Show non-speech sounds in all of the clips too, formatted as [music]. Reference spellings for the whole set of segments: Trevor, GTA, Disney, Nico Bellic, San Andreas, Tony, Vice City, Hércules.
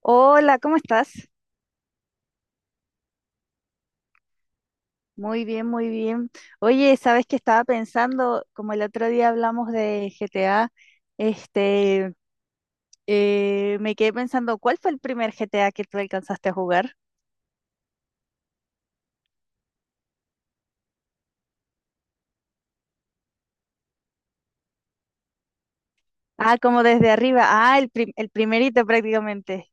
Hola, ¿cómo estás? Muy bien, muy bien. Oye, sabes que estaba pensando, como el otro día hablamos de GTA, este, me quedé pensando, ¿cuál fue el primer GTA que tú alcanzaste a jugar? Ah, como desde arriba. Ah, el primerito prácticamente.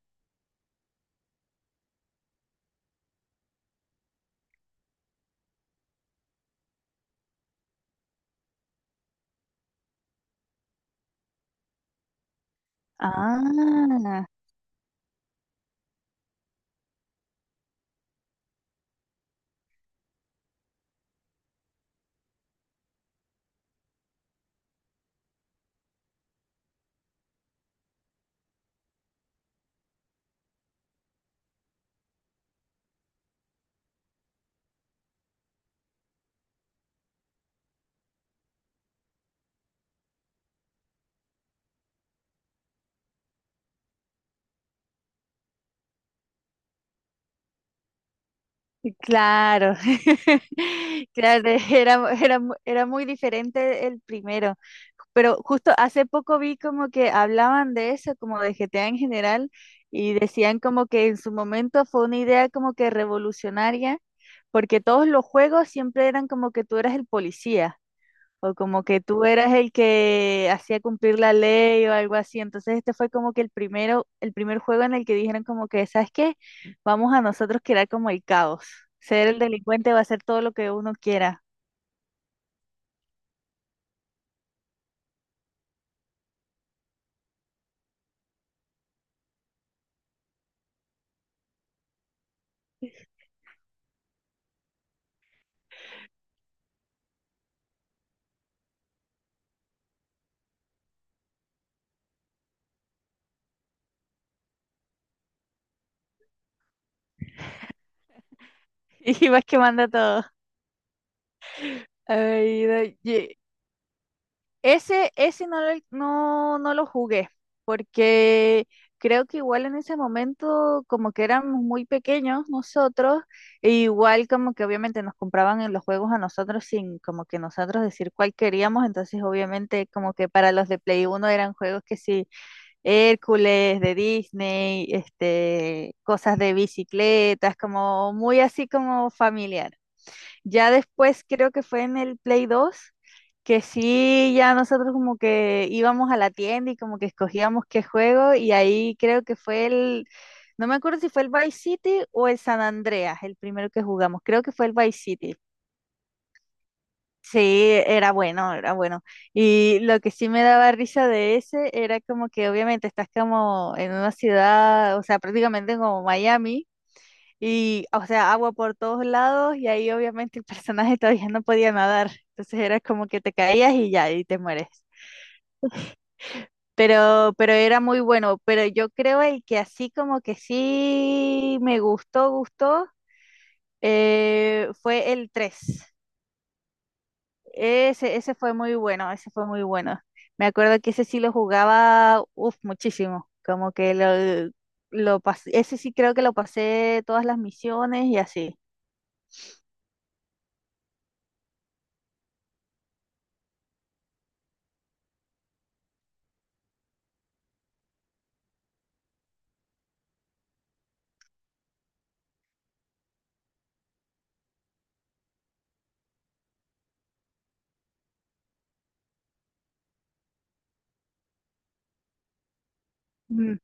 Ah, claro, [laughs] claro, era muy diferente el primero, pero justo hace poco vi como que hablaban de eso, como de GTA en general, y decían como que en su momento fue una idea como que revolucionaria, porque todos los juegos siempre eran como que tú eras el policía. O como que tú eras el que hacía cumplir la ley o algo así. Entonces este fue como que el primero, el primer juego en el que dijeron como que, ¿sabes qué? Vamos a nosotros crear como el caos. Ser el delincuente va a hacer todo lo que uno quiera. [laughs] Y vas quemando todo. Ay, no, ye- ese, no, no lo jugué, porque creo que igual en ese momento, como que éramos muy pequeños nosotros, e igual como que obviamente nos compraban en los juegos a nosotros sin como que nosotros decir cuál queríamos, entonces obviamente como que para los de Play uno eran juegos que sí, Hércules, de Disney, este, cosas de bicicletas, como muy así como familiar. Ya después creo que fue en el Play 2 que sí, ya nosotros como que íbamos a la tienda y como que escogíamos qué juego y ahí creo que fue el, no me acuerdo si fue el Vice City o el San Andreas, el primero que jugamos, creo que fue el Vice City. Sí, era bueno, era bueno. Y lo que sí me daba risa de ese era como que obviamente estás como en una ciudad, o sea, prácticamente como Miami. Y, o sea, agua por todos lados y ahí obviamente el personaje [laughs] todavía no podía nadar. Entonces era como que te caías y ya, y te mueres. Pero era muy bueno. Pero yo creo el que así como que sí me gustó, gustó, fue el tres. Ese fue muy bueno, ese fue muy bueno. Me acuerdo que ese sí lo jugaba, uf, muchísimo. Como que lo pasé, ese sí creo que lo pasé todas las misiones y así. Ujú.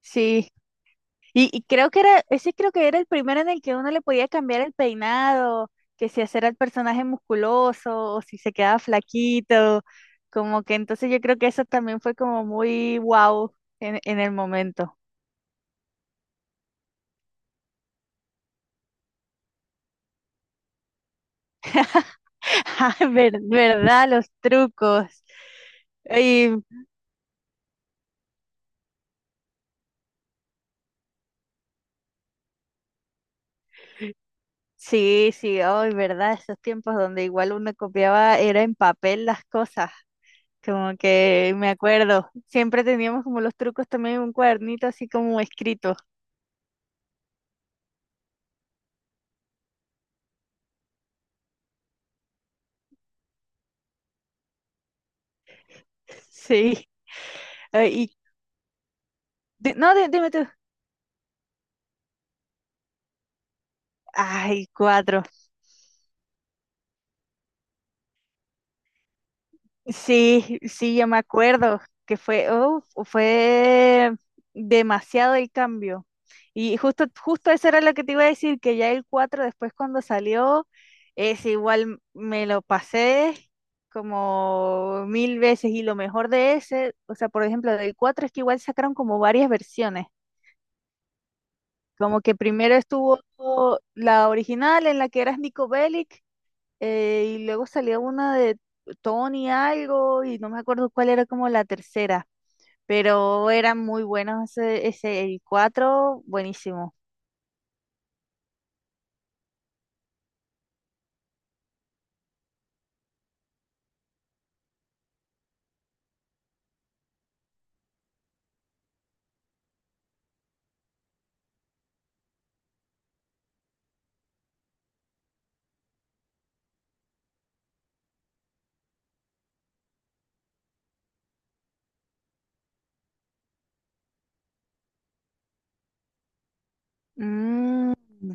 Sí, y creo que era, ese creo que era el primero en el que uno le podía cambiar el peinado, que si hacer el personaje musculoso o si se quedaba flaquito, como que entonces yo creo que eso también fue como muy wow en el momento. [laughs] Ay, ver- ¿verdad? Los trucos. Y sí, sí, ay, ¿verdad? Esos tiempos donde igual uno copiaba, era en papel las cosas. Como que me acuerdo, siempre teníamos como los trucos también en un cuadernito así como escrito. Sí. Ay, y di- no, di- dime tú. Ay, cuatro. Sí, sí, yo me acuerdo que fue, oh, fue demasiado el cambio. Y justo, justo eso era lo que te iba a decir, que ya el 4 después cuando salió, es igual me lo pasé como mil veces y lo mejor de ese, o sea, por ejemplo, del 4 es que igual sacaron como varias versiones, como que primero estuvo la original en la que eras Nico Bellic, y luego salía una de Tony algo y no me acuerdo cuál era como la tercera, pero eran muy buenos ese, ese el 4, buenísimo. Mm.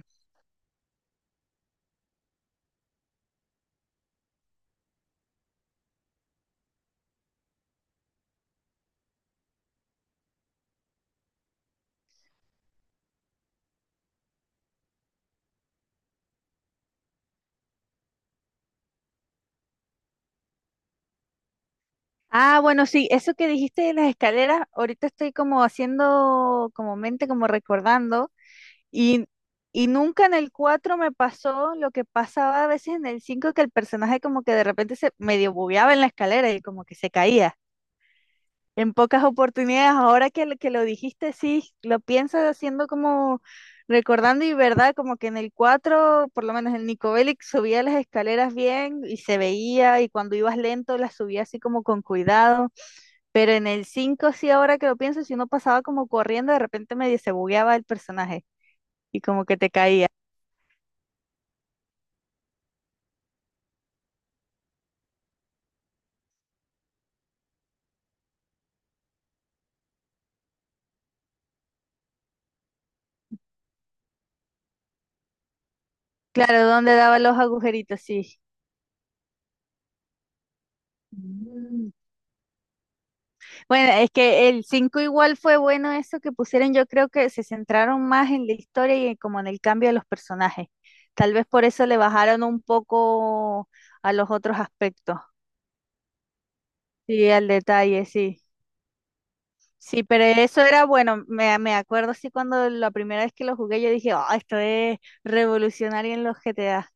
Ah, bueno, sí, eso que dijiste de las escaleras, ahorita estoy como haciendo como mente, como recordando, y, y nunca en el 4 me pasó lo que pasaba a veces en el 5 que el personaje como que de repente se medio bugueaba en la escalera y como que se caía. En pocas oportunidades, ahora que, que lo dijiste, sí, lo piensas haciendo como recordando y verdad, como que en el 4 por lo menos el Nico Bellic subía las escaleras bien y se veía, y cuando ibas lento las subía así como con cuidado, pero en el 5 sí, ahora que lo pienso, si uno pasaba como corriendo, de repente medio se bugueaba el personaje y como que te caía. Claro, ¿dónde daba los agujeritos? Sí. Mm. Bueno, es que el 5 igual fue bueno eso que pusieron, yo creo que se centraron más en la historia y como en el cambio de los personajes. Tal vez por eso le bajaron un poco a los otros aspectos. Sí, al detalle, sí. Sí, pero eso era bueno, me acuerdo sí cuando la primera vez que lo jugué yo dije, oh, esto es revolucionario en los GTA.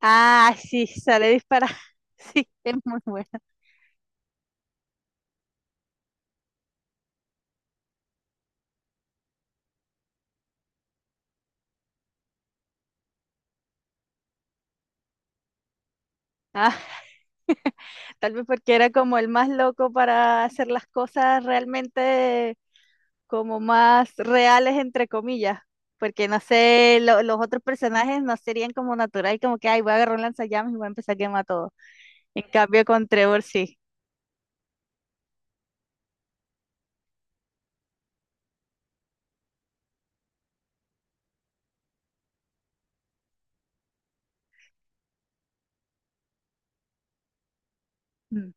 Ah, sí, sale disparado. [laughs] Sí, es muy bueno. Ah, tal vez porque era como el más loco para hacer las cosas realmente como más reales, entre comillas, porque no sé, los otros personajes no serían como natural, como que, ay, voy a agarrar un lanzallamas y voy a empezar a quemar todo. En cambio, con Trevor sí. Mm,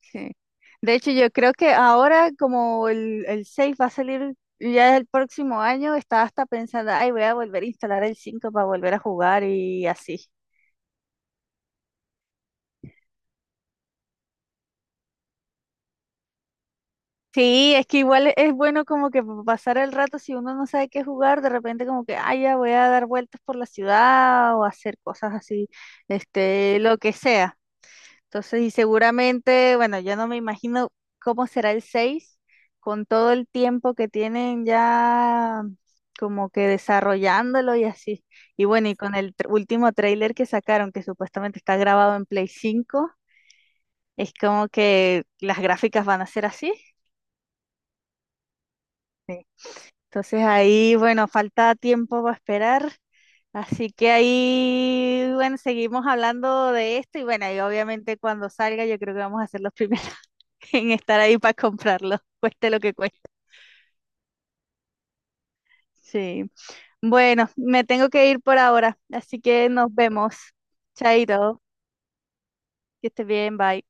sí. De hecho, yo creo que ahora, como el 6 va a salir ya el próximo año, estaba hasta pensando, ay, voy a volver a instalar el 5 para volver a jugar y así. Sí, es que igual es bueno como que pasar el rato si uno no sabe qué jugar, de repente como que, ay, ya voy a dar vueltas por la ciudad o hacer cosas así, este, lo que sea. Entonces, y seguramente, bueno, yo no me imagino cómo será el 6 con todo el tiempo que tienen ya como que desarrollándolo y así. Y bueno, y con el último tráiler que sacaron, que supuestamente está grabado en Play 5 es como que las gráficas van a ser así. Entonces ahí, bueno, falta tiempo para esperar. Así que ahí, bueno, seguimos hablando de esto y bueno, y obviamente cuando salga yo creo que vamos a ser los primeros [laughs] en estar ahí para comprarlo, cueste lo que cueste. Sí. Bueno, me tengo que ir por ahora, así que nos vemos. Chaito, que estés bien, bye.